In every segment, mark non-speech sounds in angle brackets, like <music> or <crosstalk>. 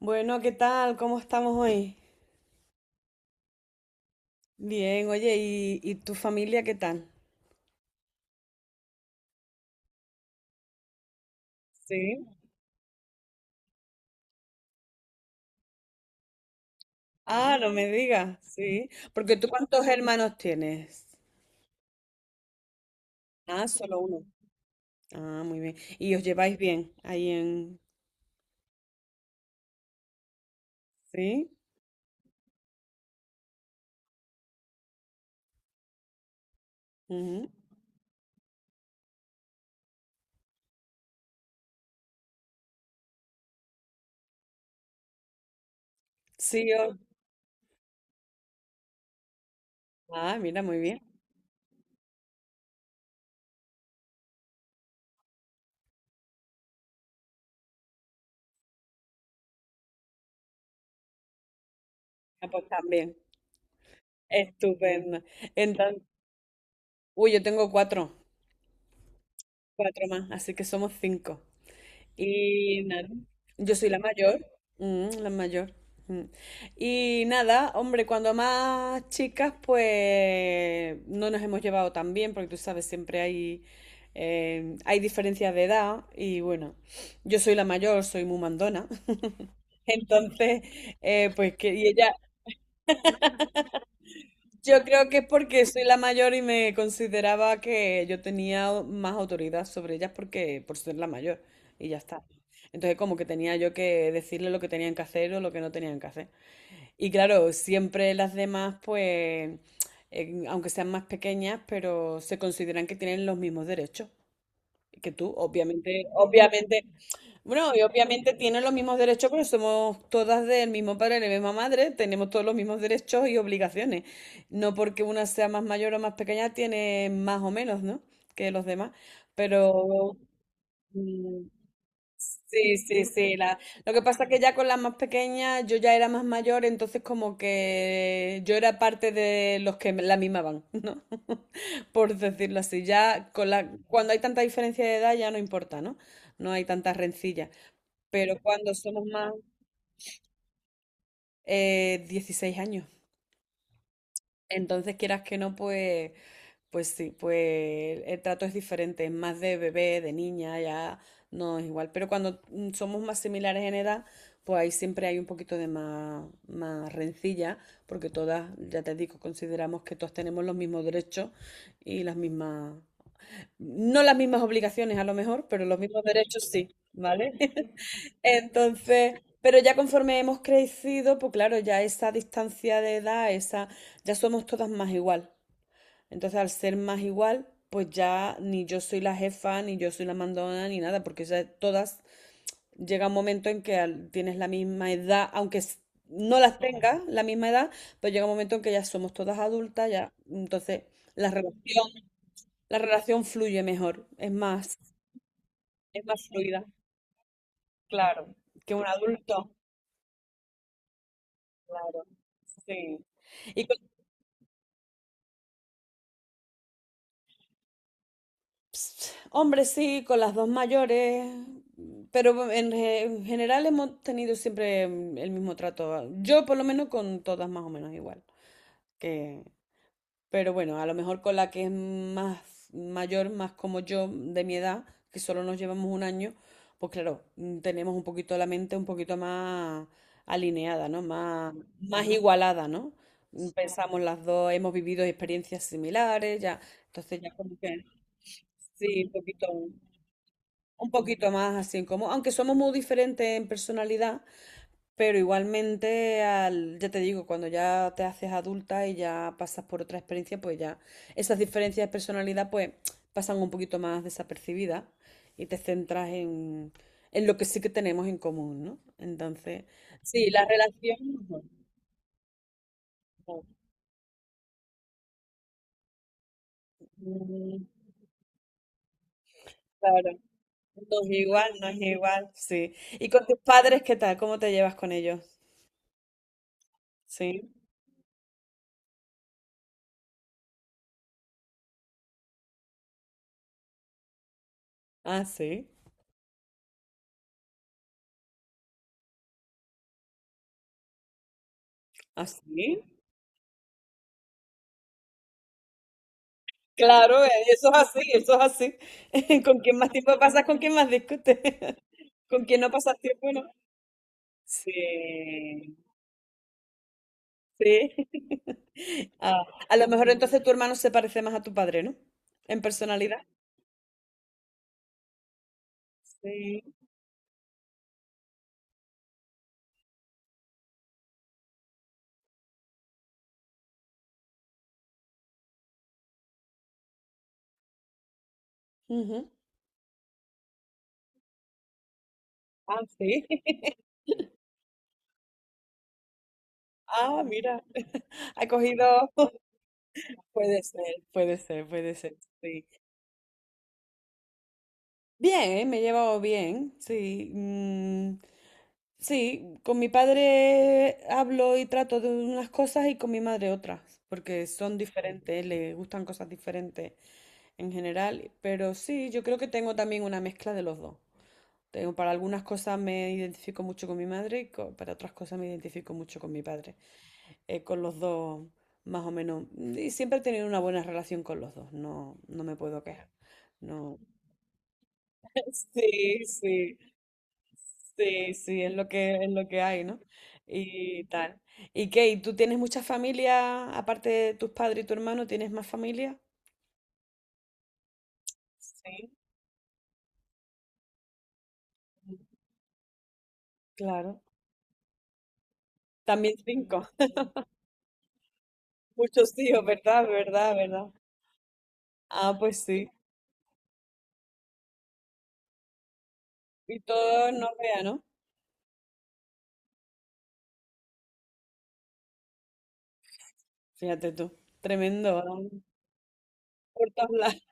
Bueno, ¿qué tal? ¿Cómo estamos hoy? Bien, oye, ¿y tu familia qué tal? Sí. Ah, no me digas, sí. Porque tú, ¿cuántos hermanos tienes? Ah, solo uno. Ah, muy bien. ¿Y os lleváis bien ahí en... ¿Sí? Ujú. Sí, os... Ah, mira, muy bien. Ah, pues también. Estupendo. Entonces, uy, yo tengo cuatro, cuatro más, así que somos cinco. Y nada, yo soy la mayor, la mayor. Mm. Y nada, hombre, cuando más chicas, pues no nos hemos llevado tan bien, porque tú sabes, siempre hay diferencias de edad. Y bueno, yo soy la mayor, soy muy mandona. <laughs> Entonces, pues que, y ella, yo creo que es porque soy la mayor y me consideraba que yo tenía más autoridad sobre ellas porque por ser la mayor y ya está. Entonces como que tenía yo que decirle lo que tenían que hacer o lo que no tenían que hacer. Y claro, siempre las demás pues, aunque sean más pequeñas, pero se consideran que tienen los mismos derechos que tú. Obviamente, obviamente, bueno, y obviamente tienen los mismos derechos, pero somos todas del mismo padre y la misma madre, tenemos todos los mismos derechos y obligaciones. No porque una sea más mayor o más pequeña, tiene más o menos, ¿no? Que los demás. Pero mm, sí, sí, sí. Lo que pasa es que ya con las más pequeñas yo ya era más mayor, entonces como que yo era parte de los que la mimaban, ¿no? <laughs> Por decirlo así. Cuando hay tanta diferencia de edad ya no importa, ¿no? No hay tantas rencillas. Pero cuando somos más 16 años. Entonces, quieras que no, pues, pues sí, pues el trato es diferente, es más de bebé, de niña, ya no es igual. Pero cuando somos más similares en edad, pues ahí siempre hay un poquito de más, más rencilla, porque todas, ya te digo, consideramos que todas tenemos los mismos derechos y las mismas, no las mismas obligaciones a lo mejor, pero los mismos derechos sí, ¿vale? Entonces, pero ya conforme hemos crecido, pues claro, ya esa distancia de edad, esa, ya somos todas más igual. Entonces, al ser más igual, pues ya ni yo soy la jefa, ni yo soy la mandona, ni nada, porque ya todas llega un momento en que tienes la misma edad, aunque no las tengas la misma edad, pues llega un momento en que ya somos todas adultas, ya, entonces la relación, la relación, fluye mejor, es más fluida, claro, que un adulto. Claro. Sí. Y con- hombre, sí, con las dos mayores, pero en general hemos tenido siempre el mismo trato. Yo por lo menos con todas más o menos igual. Que Pero bueno, a lo mejor con la que es más mayor, más como yo, de mi edad, que solo nos llevamos un año, pues claro, tenemos un poquito la mente un poquito más alineada, ¿no? Más, más igualada, ¿no? Mm, Pensamos las dos, hemos vivido experiencias similares, ya, entonces ya como que sí, un poquito más así como, aunque somos muy diferentes en personalidad, pero igualmente, al, ya te digo, cuando ya te haces adulta y ya pasas por otra experiencia, pues ya esas diferencias de personalidad pues pasan un poquito más desapercibidas y te centras en lo que sí que tenemos en común, ¿no? Entonces, sí, la relación mejor. Mm, Claro, no es igual, no es igual, sí. ¿Y con tus padres qué tal? ¿Cómo te llevas con ellos? Sí. Ah, sí. ¿Así? Claro, eso es así, eso es así. <laughs> Con quien más tiempo pasas, con quien más discutes. <laughs> Con quien no pasas tiempo, ¿no? Sí, sí. <laughs> Ah, a lo mejor entonces tu hermano se parece más a tu padre, ¿no? En personalidad. Sí. Ujú. Ah, sí. <laughs> Ah, mira. Ha cogido. <laughs> Puede ser, puede ser, puede ser. Sí. Bien, ¿eh? Me he llevado bien. Sí. Sí, con mi padre hablo y trato de unas cosas y con mi madre otras, porque son diferentes, le gustan cosas diferentes en general, pero sí, yo creo que tengo también una mezcla de los dos. Tengo, para algunas cosas me identifico mucho con mi madre y co- para otras cosas me identifico mucho con mi padre. Con los dos, más o menos. Y siempre he tenido una buena relación con los dos, no, no me puedo quejar. No. <laughs> Sí, sí. Sí, sí, es lo que hay, ¿no? Y tal. ¿Y qué? ¿Y tú tienes mucha familia? Aparte de tus padres y tu hermano, ¿tienes más familia? Sí. Claro. También cinco. <laughs> Muchos tíos, ¿verdad? ¿Verdad? ¿Verdad? Ah, pues sí. Y todos nos vean, ¿no? Fíjate tú. Tremendo, ¿no? Por todos lados.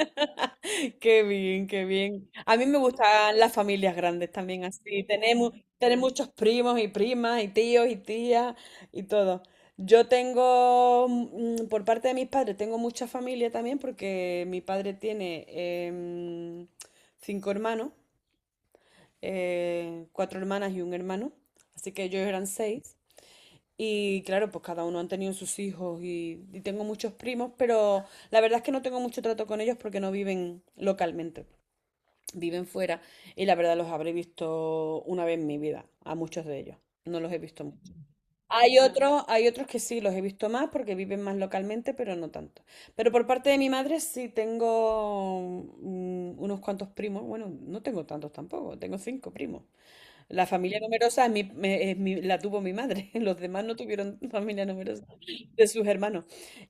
<laughs> Qué bien, qué bien. A mí me gustan las familias grandes también así. Tenemos, tener muchos primos y primas y tíos y tías y todo. Yo tengo, por parte de mis padres, tengo mucha familia también porque mi padre tiene em, cinco hermanos, cuatro hermanas y un hermano. Así que ellos eran seis. Y claro, pues cada uno han tenido sus hijos y tengo muchos primos, pero la verdad es que no tengo mucho trato con ellos porque no viven localmente, viven fuera y la verdad los habré visto una vez en mi vida, a muchos de ellos. No los he visto mucho. Hay otros que sí los he visto más porque viven más localmente, pero no tanto. Pero por parte de mi madre sí tengo unos cuantos primos. Bueno, no tengo tantos tampoco, tengo cinco primos. La familia numerosa es mi- me- es mi- la tuvo mi madre. <laughs> Los demás no tuvieron familia numerosa de sus hermanos.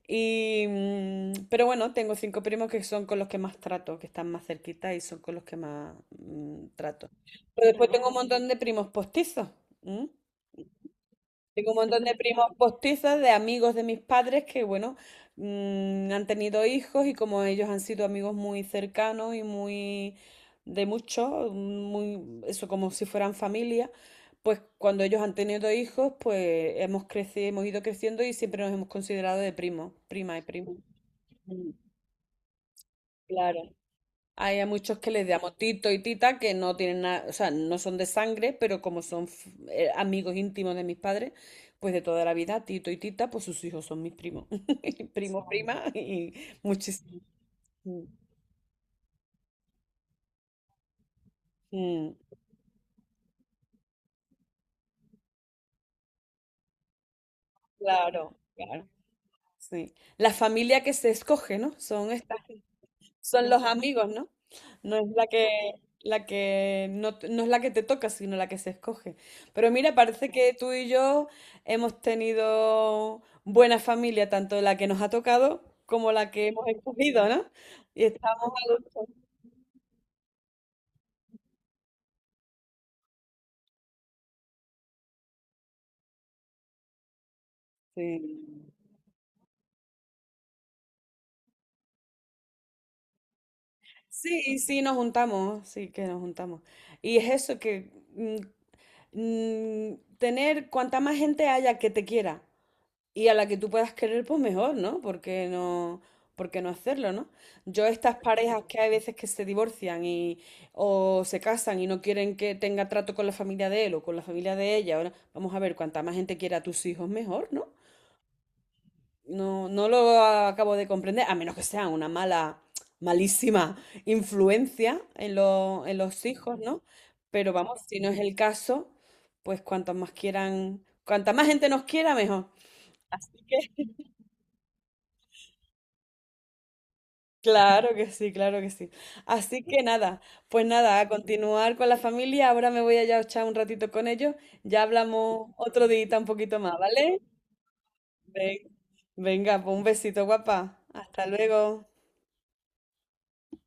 Y, pero bueno, tengo cinco primos que son con los que más trato, que están más cerquita y son con los que más trato. Pero después tengo un montón de primos postizos. Tengo un montón de primos postizos, de amigos de mis padres que, bueno, han tenido hijos y como ellos han sido amigos muy cercanos y muy de mucho, muy, eso, como si fueran familia, pues cuando ellos han tenido hijos, pues hemos crecido, hemos ido creciendo y siempre nos hemos considerado de primos, prima y primo. Mm, Claro. Hay a muchos que les llamo Tito y Tita que no tienen nada, o sea, no son de sangre, pero como son amigos íntimos de mis padres, pues de toda la vida, Tito y Tita, pues sus hijos son mis primos, <laughs> primo, prima y muchísimo. Mm, mm, claro, claro, sí. La familia que se escoge, ¿no? Son los amigos, ¿no? No es la que no, t- no es la que te toca, sino la que se escoge. Pero mira, parece que tú y yo hemos tenido buena familia, tanto la que nos ha tocado como la que hemos escogido, ¿no? Y estamos a gusto. Sí. Sí, sí, nos juntamos, sí que nos juntamos. Y es eso que tener cuanta más gente haya que te quiera. Y a la que tú puedas querer, pues mejor, ¿no? Porque no, ¿por qué no hacerlo, ¿no? Yo estas parejas que hay veces que se divorcian y o se casan y no quieren que tenga trato con la familia de él o con la familia de ella, ahora vamos a ver, cuanta más gente quiera a tus hijos, mejor, ¿no? No, no lo acabo de comprender, a menos que sea una mala, malísima influencia en lo- en los hijos, ¿no? Pero vamos, si no es el caso, pues cuantas más quieran, cuanta más gente nos quiera, mejor. Así que claro que sí, claro que sí. Así que nada, pues nada, a continuar con la familia. Ahora me voy allá a echar un ratito con ellos. Ya hablamos otro día un poquito más, ¿vale? Ven- Venga, pues un besito, guapa. Hasta luego.